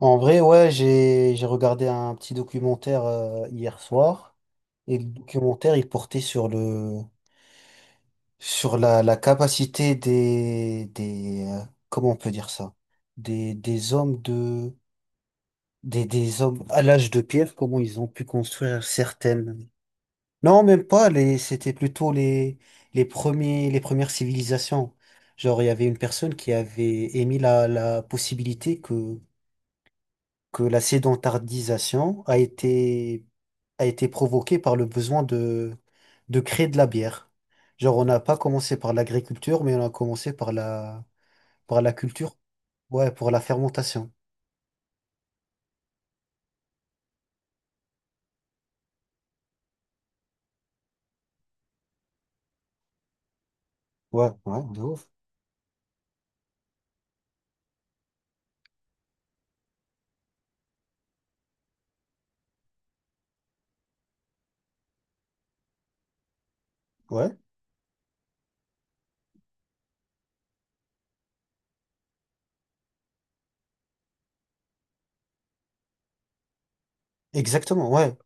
En vrai, ouais, j'ai regardé un petit documentaire hier soir et le documentaire il portait sur la capacité des comment on peut dire ça? Des des hommes de des hommes à l'âge de pierre, comment ils ont pu construire certaines. Non, même pas les c'était plutôt les premiers les premières civilisations. Genre il y avait une personne qui avait émis la possibilité que la sédentarisation a été provoquée par le besoin de créer de la bière. Genre, on n'a pas commencé par l'agriculture, mais on a commencé par la culture, ouais, pour la fermentation. Ouais, ouais, de ouf. Ouais, exactement, ouais,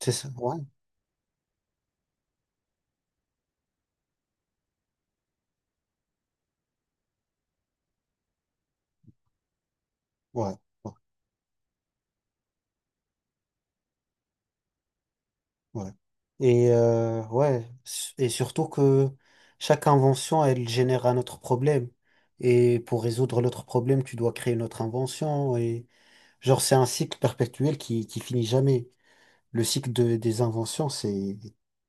c'est ça, ouais, ouais, ouais, ouais. Et, ouais, et surtout que chaque invention, elle génère un autre problème. Et pour résoudre l'autre problème, tu dois créer une autre invention et genre, c'est un cycle perpétuel qui finit jamais. Le des inventions,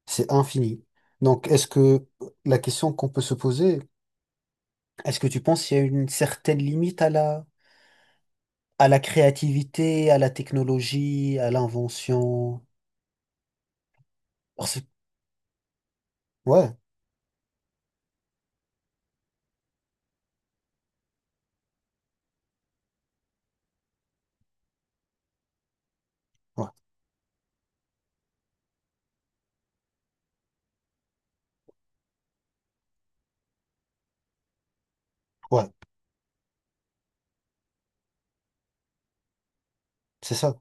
c'est infini. Donc, est-ce que la question qu'on peut se poser, est-ce que tu penses qu'il y a une certaine limite à la créativité, à la technologie, à l'invention? Parce que- ouais, ouais, ouais, c'est ça.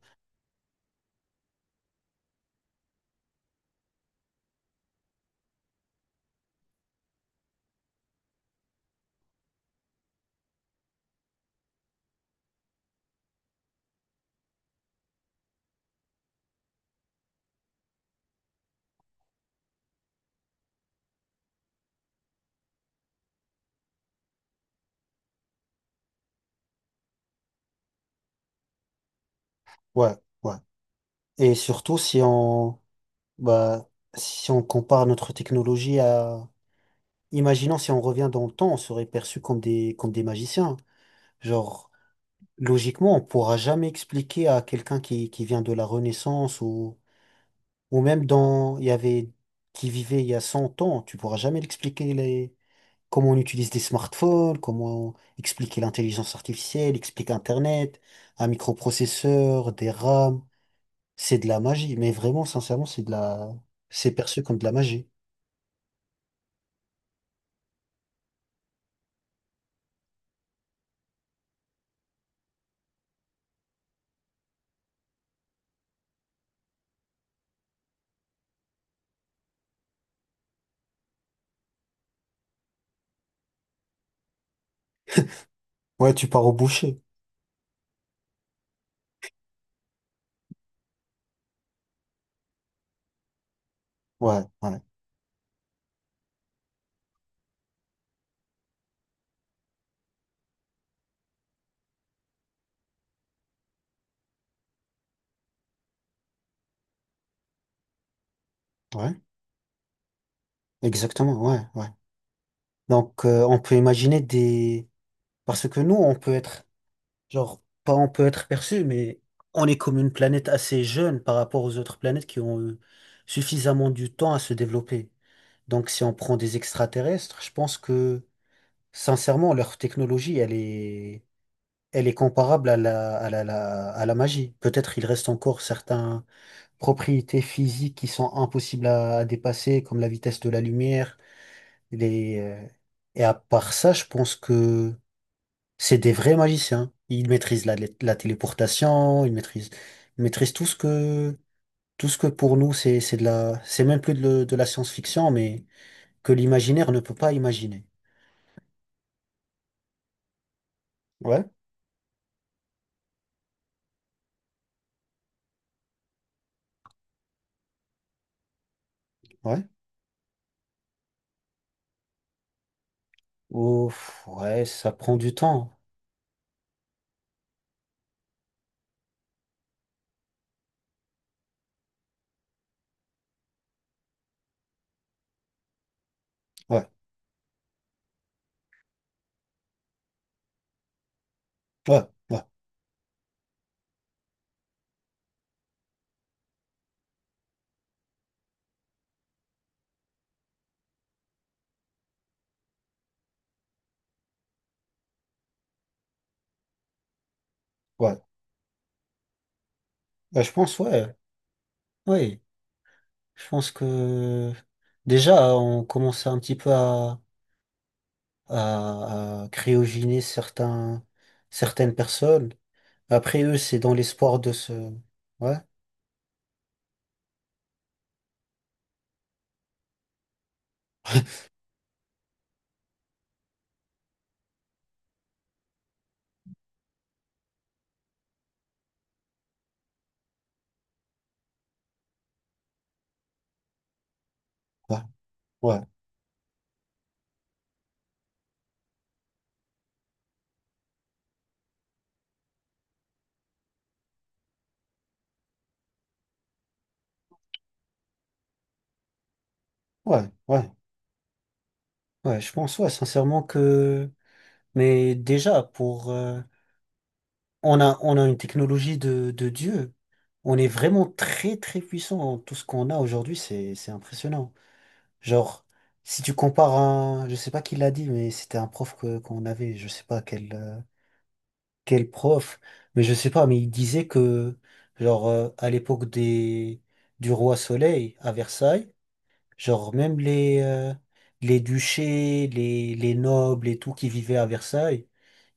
Ouais, ouais. Et surtout, si on, bah, si on compare notre technologie à, imaginons si on revient dans le temps, on serait perçu comme des magiciens. Genre, logiquement, on pourra jamais expliquer à quelqu'un qui vient de la Renaissance ou même dans, il y avait, qui vivait il y a 100 ans, tu pourras jamais l'expliquer les, comment on utilise des smartphones, comment expliquer l'intelligence artificielle, expliquer Internet, un microprocesseur, des RAM. C'est de la magie, mais vraiment, sincèrement, c'est de la, c'est perçu comme de la magie. Ouais, tu pars au boucher. Ouais, ouais, ouais, exactement, ouais, ouais. Donc, on peut imaginer des, parce que nous, on peut être genre, pas on peut être perçu, mais on est comme une planète assez jeune par rapport aux autres planètes qui ont eu suffisamment du temps à se développer. Donc, si on prend des extraterrestres, je pense que, sincèrement, leur technologie, elle est comparable à la, à la, à la magie. Peut-être il reste encore certaines propriétés physiques qui sont impossibles à dépasser, comme la vitesse de la lumière. Les, et à part ça, je pense que c'est des vrais magiciens. Ils maîtrisent la, la téléportation, ils maîtrisent tout ce que pour nous, c'est de la, c'est même plus de, de la science-fiction, mais que l'imaginaire ne peut pas imaginer. Ouais, ouais. Ouf, ouais, ça prend du temps. Ouais, ouais, ouais, ouais. Ouais, je pense, ouais, ouais. Je pense que déjà, on commençait un petit peu à cryogéniser certains, certaines personnes. Après eux, c'est dans l'espoir de se, ouais. Ouais, ouais, ouais, ouais, ouais, je pense, ouais, sincèrement que... Mais déjà, pour... on a une technologie de Dieu. On est vraiment très, très puissant. Tout ce qu'on a aujourd'hui, c'est impressionnant. Genre, si tu compares un... Je sais pas qui l'a dit, mais c'était un prof que, qu'on avait. Je sais pas quel, quel prof. Mais je sais pas, mais il disait que, genre, à l'époque des, du roi Soleil, à Versailles, genre, même les duchés, les nobles et tout qui vivaient à Versailles,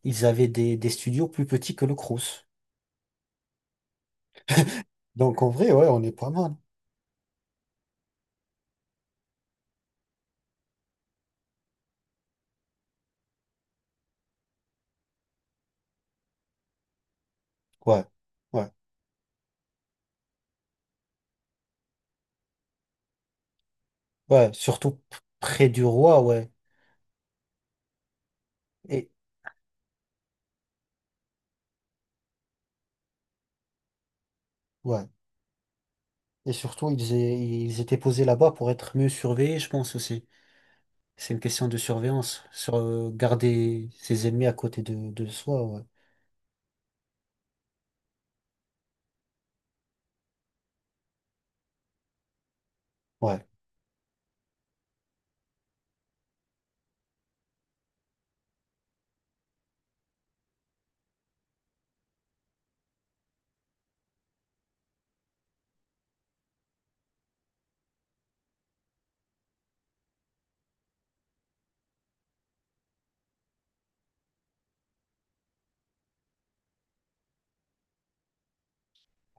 ils avaient des studios plus petits que le Crous. Donc en vrai, ouais, on est pas mal. Ouais, ouais, ouais, surtout près du roi, ouais. Et, ouais. Et surtout, ils étaient posés là-bas pour être mieux surveillés, je pense aussi. C'est une question de surveillance, sur garder ses ennemis à côté de soi, ouais. Ouais,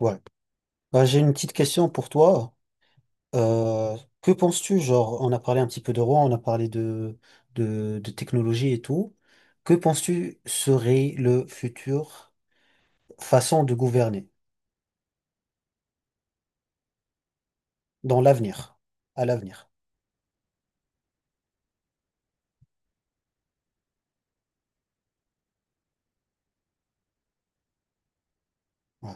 ouais. Bah, j'ai une petite question pour toi. Que penses-tu, genre, on a parlé un petit peu de roi, on a parlé de technologie et tout. Que penses-tu serait le futur façon de gouverner dans l'avenir, à l'avenir? Ouais,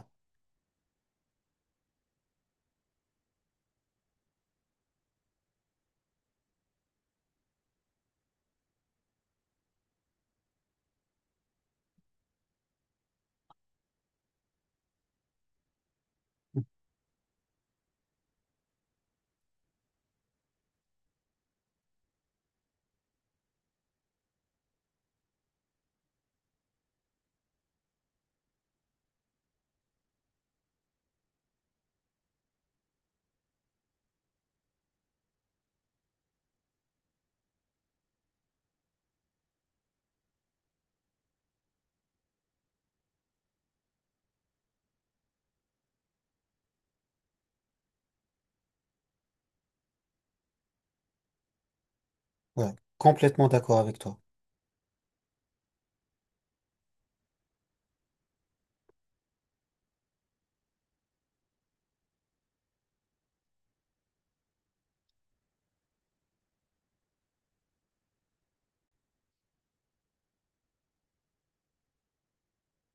ouais, complètement d'accord avec toi.